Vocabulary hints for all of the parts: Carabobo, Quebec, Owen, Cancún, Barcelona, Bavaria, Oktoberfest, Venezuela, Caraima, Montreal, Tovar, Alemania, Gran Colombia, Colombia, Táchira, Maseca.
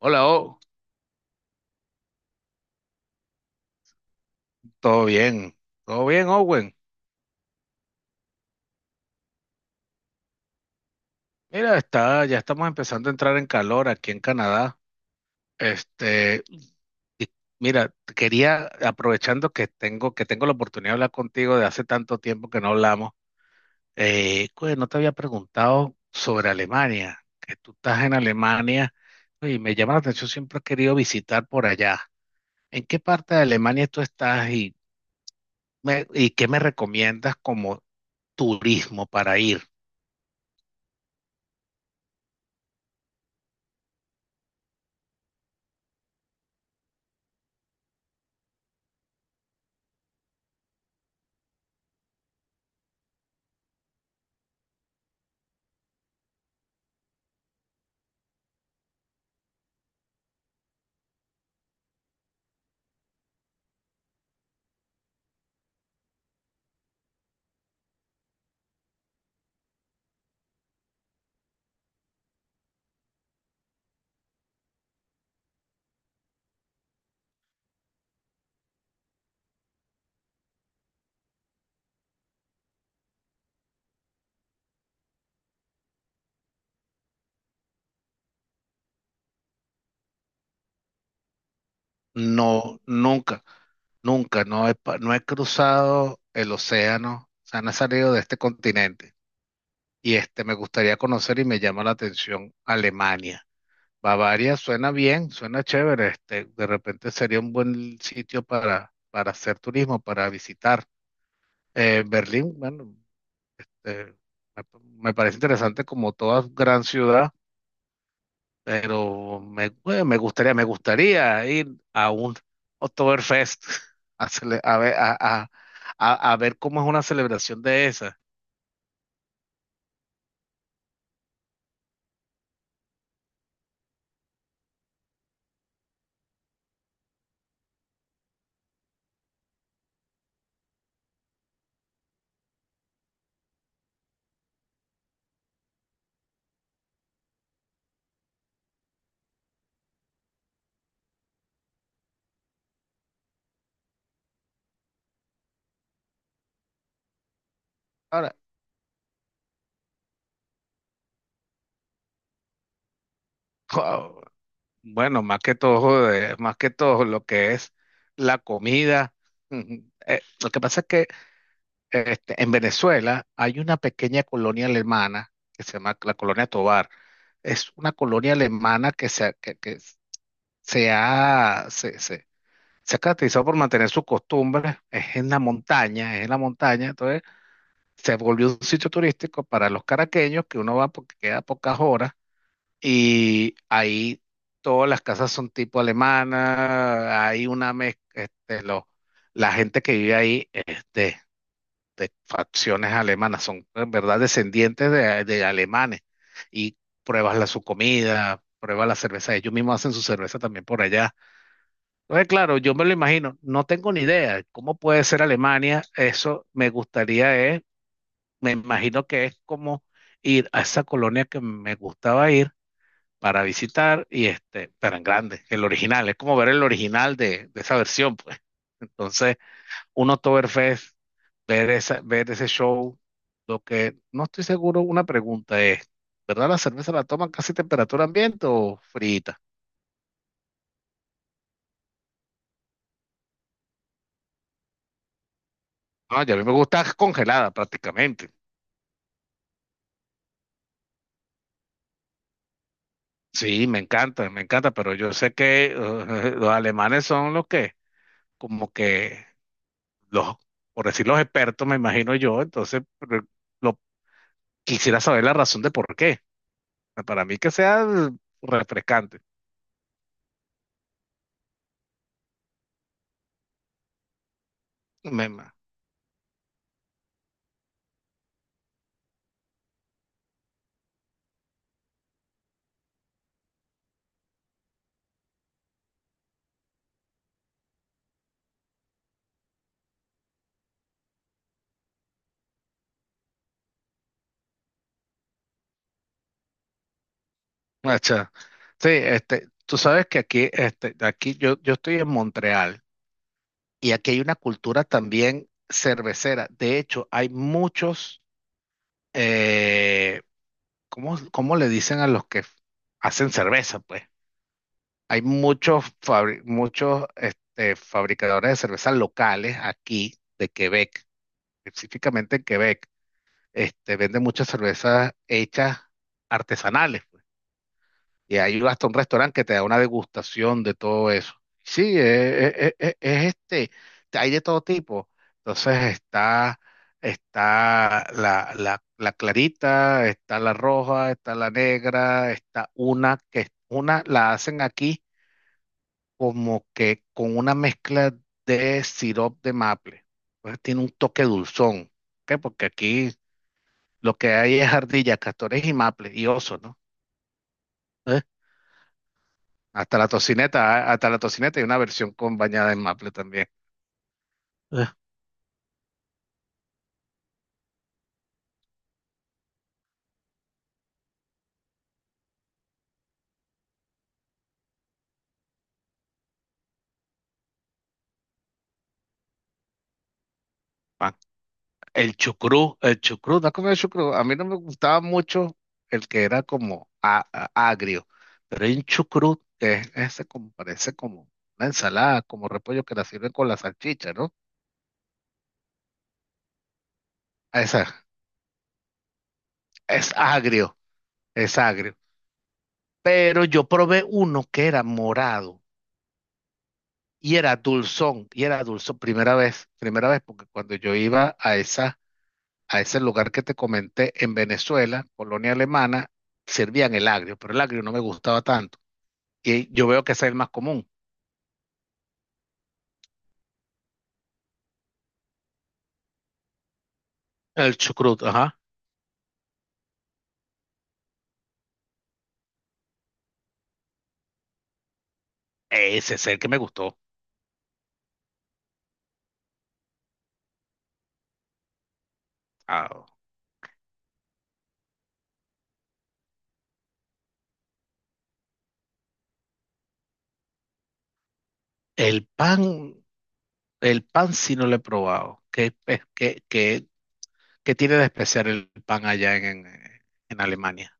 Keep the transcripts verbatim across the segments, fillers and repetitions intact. Hola, O. Todo bien. Todo bien, Owen. Mira, está, ya estamos empezando a entrar en calor aquí en Canadá. Este, y mira, quería, aprovechando que tengo, que tengo la oportunidad de hablar contigo de hace tanto tiempo que no hablamos. Eh, pues, no te había preguntado sobre Alemania, que tú estás en Alemania y me llama la atención, siempre he querido visitar por allá. ¿En qué parte de Alemania tú estás y, me- y qué me recomiendas como turismo para ir? No, nunca, nunca, no he, pa- no he cruzado el océano, o sea, no he salido de este continente. Y este me gustaría conocer y me llama la atención Alemania. Bavaria suena bien, suena chévere, este, de repente sería un buen sitio para, para hacer turismo, para visitar. Eh, Berlín, bueno, eh, me me parece interesante como toda gran ciudad, pero me, bueno, me gustaría, me gustaría ir a un Oktoberfest a, cele- a ver, a, a- a- a ver cómo es una celebración de esa. Ahora, wow, bueno, más que todo, eh, más que todo lo que es la comida. mm, eh, lo que pasa es que este, en Venezuela hay una pequeña colonia alemana que se llama la colonia Tovar. Es una colonia alemana que se, ha- que, que se ha, se ha caracterizado por mantener sus costumbres. Es en la montaña, es en la montaña, entonces se volvió un sitio turístico para los caraqueños, que uno va porque queda pocas horas. Y ahí todas las casas son tipo alemana, hay una mezcla. Este, lo- la gente que vive ahí es de, de facciones alemanas, son en verdad descendientes de, de alemanes, y pruebas la, su comida, pruebas la cerveza, ellos mismos hacen su cerveza también por allá. Entonces, claro, yo me lo imagino, no tengo ni idea cómo puede ser Alemania, eso me gustaría. Es, me imagino que es como ir a esa colonia que me gustaba ir para visitar, y este, pero en grande, el original, es como ver el original de, de esa versión, pues. Entonces, un Oktoberfest, ver esa, ver ese show. Lo que no estoy seguro, una pregunta es, ¿verdad la cerveza la toman casi temperatura ambiente o frita? No, ya a mí me gusta congelada prácticamente. Sí, me encanta, me encanta, pero yo sé que eh, los alemanes son los que, como que, los, por decir los expertos, me imagino yo, entonces pero lo, quisiera saber la razón de por qué. Para mí, que sea eh, refrescante. Me, ma- macha. Sí, este, tú sabes que aquí, este, aquí yo, yo estoy en Montreal y aquí hay una cultura también cervecera. De hecho, hay muchos, eh, ¿cómo, cómo le dicen a los que hacen cerveza, pues? Hay muchos, fabri- muchos este, fabricadores de cervezas locales aquí de Quebec, específicamente en Quebec. Este, venden muchas cervezas hechas artesanales, pues. Y hay hasta un restaurante que te da una degustación de todo eso. Sí, es, es- es- es este, hay de todo tipo. Entonces está, está la, la, la clarita, está la roja, está la negra, está una que una la hacen aquí como que con una mezcla de sirope de maple. Pues tiene un toque dulzón, ¿ok? Porque aquí lo que hay es ardillas, castores y maple y osos, ¿no? ¿Eh? Hasta la tocineta, ah, hasta la tocineta hay una versión con bañada en maple también. ¿Eh? El chucrú, el chucrú, ¿no has comido chucrú? A mí no me gustaba mucho el que era como a- a- agrio, pero hay un chucrú que es ese como, parece como una ensalada, como repollo, que la sirven con la salchicha, ¿no? Ah, esa, es agrio, es agrio. Pero yo probé uno que era morado y era dulzón, y era dulzón, primera vez, primera vez, porque cuando yo iba a esa, a ese lugar que te comenté en Venezuela, colonia alemana, servían el agrio, pero el agrio no me gustaba tanto. Y yo veo que ese es el más común. El chucrut, ajá. Ese es el que me gustó. Ah, el pan, el pan sí no lo he probado. ¿Qué, pe- qué, qué- qué tiene de especial el pan allá en, en- en Alemania?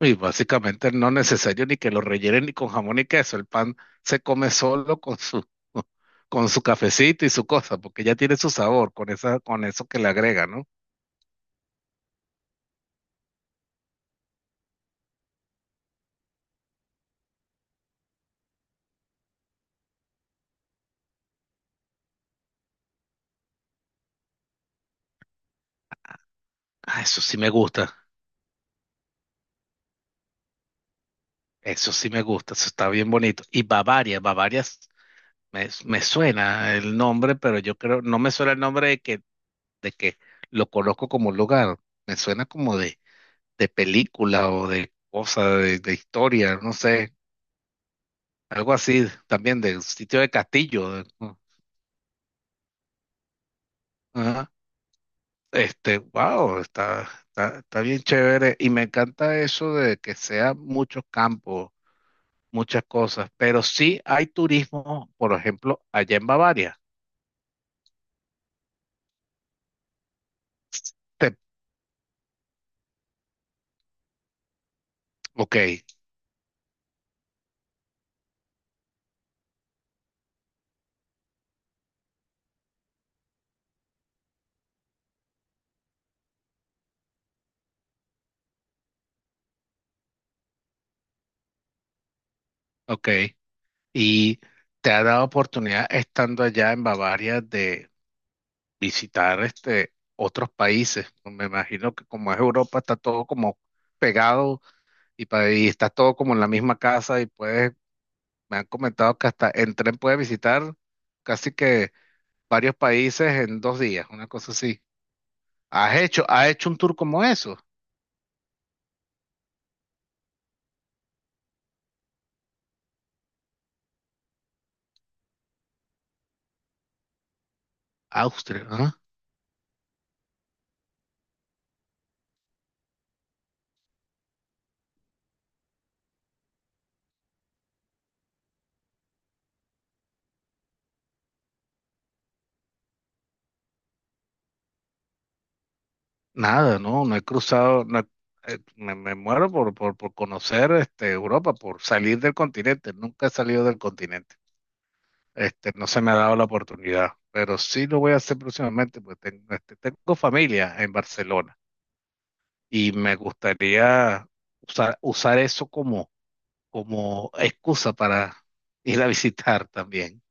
Y básicamente no es necesario ni que lo rellenen ni con jamón ni queso. El pan se come solo con su, con su cafecito y su cosa, porque ya tiene su sabor con esa, con eso que le agrega, ¿no? Ah, eso sí me gusta. Eso sí me gusta. Eso está bien bonito. Y Bavaria, Bavaria me, me suena el nombre, pero yo creo, no me suena el nombre de que, de que lo conozco como un lugar. Me suena como de, de película o de cosa, de, de historia, no sé, algo así, también de sitio de castillo. de- mm, Ajá. Este, wow, está, está, está bien chévere. Y me encanta eso de que sea muchos campos, muchas cosas. Pero sí hay turismo, por ejemplo, allá en Bavaria. Te- ok, ok. Y te ha dado oportunidad estando allá en Bavaria de visitar este otros países. Me imagino que como es Europa está todo como pegado y, pa- y está todo como en la misma casa y puedes, me han comentado que hasta en tren puedes visitar casi que varios países en dos días, una cosa así. ¿Has hecho, has hecho un tour como eso? Austria. Nada, no, no he cruzado, no he- eh, me, me muero por, por, por conocer este, Europa, por salir del continente, nunca he salido del continente. Este, no se me ha dado la oportunidad, pero sí lo voy a hacer próximamente, porque tengo, este, tengo familia en Barcelona y me gustaría usar, usar eso como como excusa para ir a visitar también.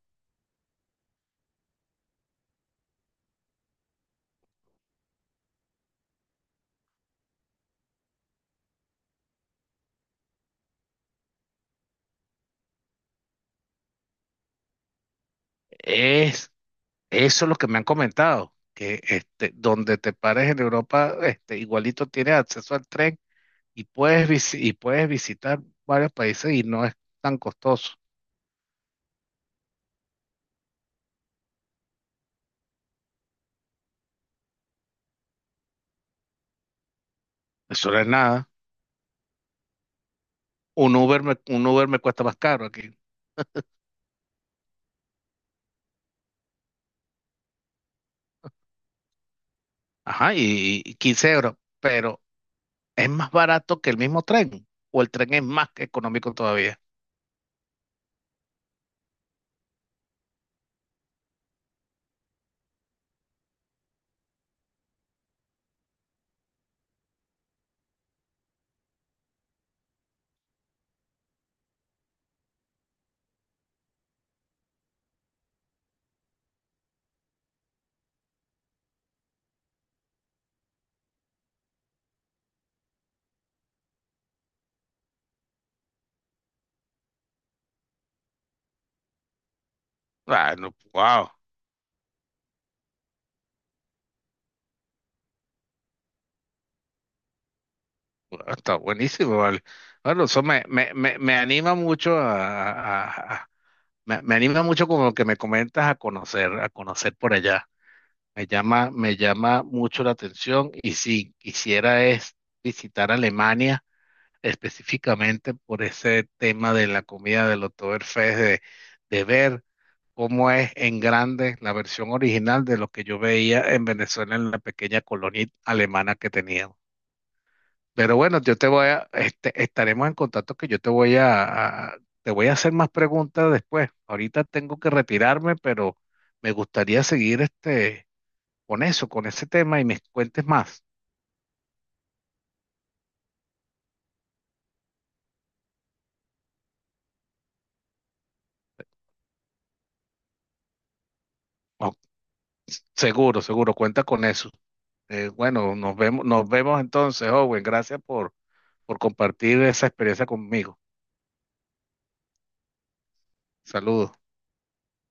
Es, eso es lo que me han comentado, que este, donde te pares en Europa, este, igualito tienes acceso al tren y puedes, visi- y puedes visitar varios países y no es tan costoso. Eso no es nada. Un Uber me, un Uber me cuesta más caro aquí. Ajá, y, y quince euros, pero es más barato que el mismo tren, o el tren es más económico todavía. Ah, no, wow, está buenísimo, vale. Bueno, eso me, me, me, me anima mucho a, a- a- me, me anima mucho con lo que me comentas a conocer, a conocer por allá. Me llama, me llama mucho la atención y si quisiera es visitar Alemania específicamente por ese tema de la comida del Oktoberfest, de, de ver cómo es en grande la versión original de lo que yo veía en Venezuela en la pequeña colonia alemana que teníamos. Pero bueno, yo te voy a, este, estaremos en contacto, que yo te voy a, a- te voy a hacer más preguntas después. Ahorita tengo que retirarme, pero me gustaría seguir este, con eso, con ese tema, y me cuentes más. Oh, seguro, seguro, cuenta con eso. Eh, bueno, nos vemos, nos vemos entonces, Owen. Gracias por, por compartir esa experiencia conmigo. Saludos.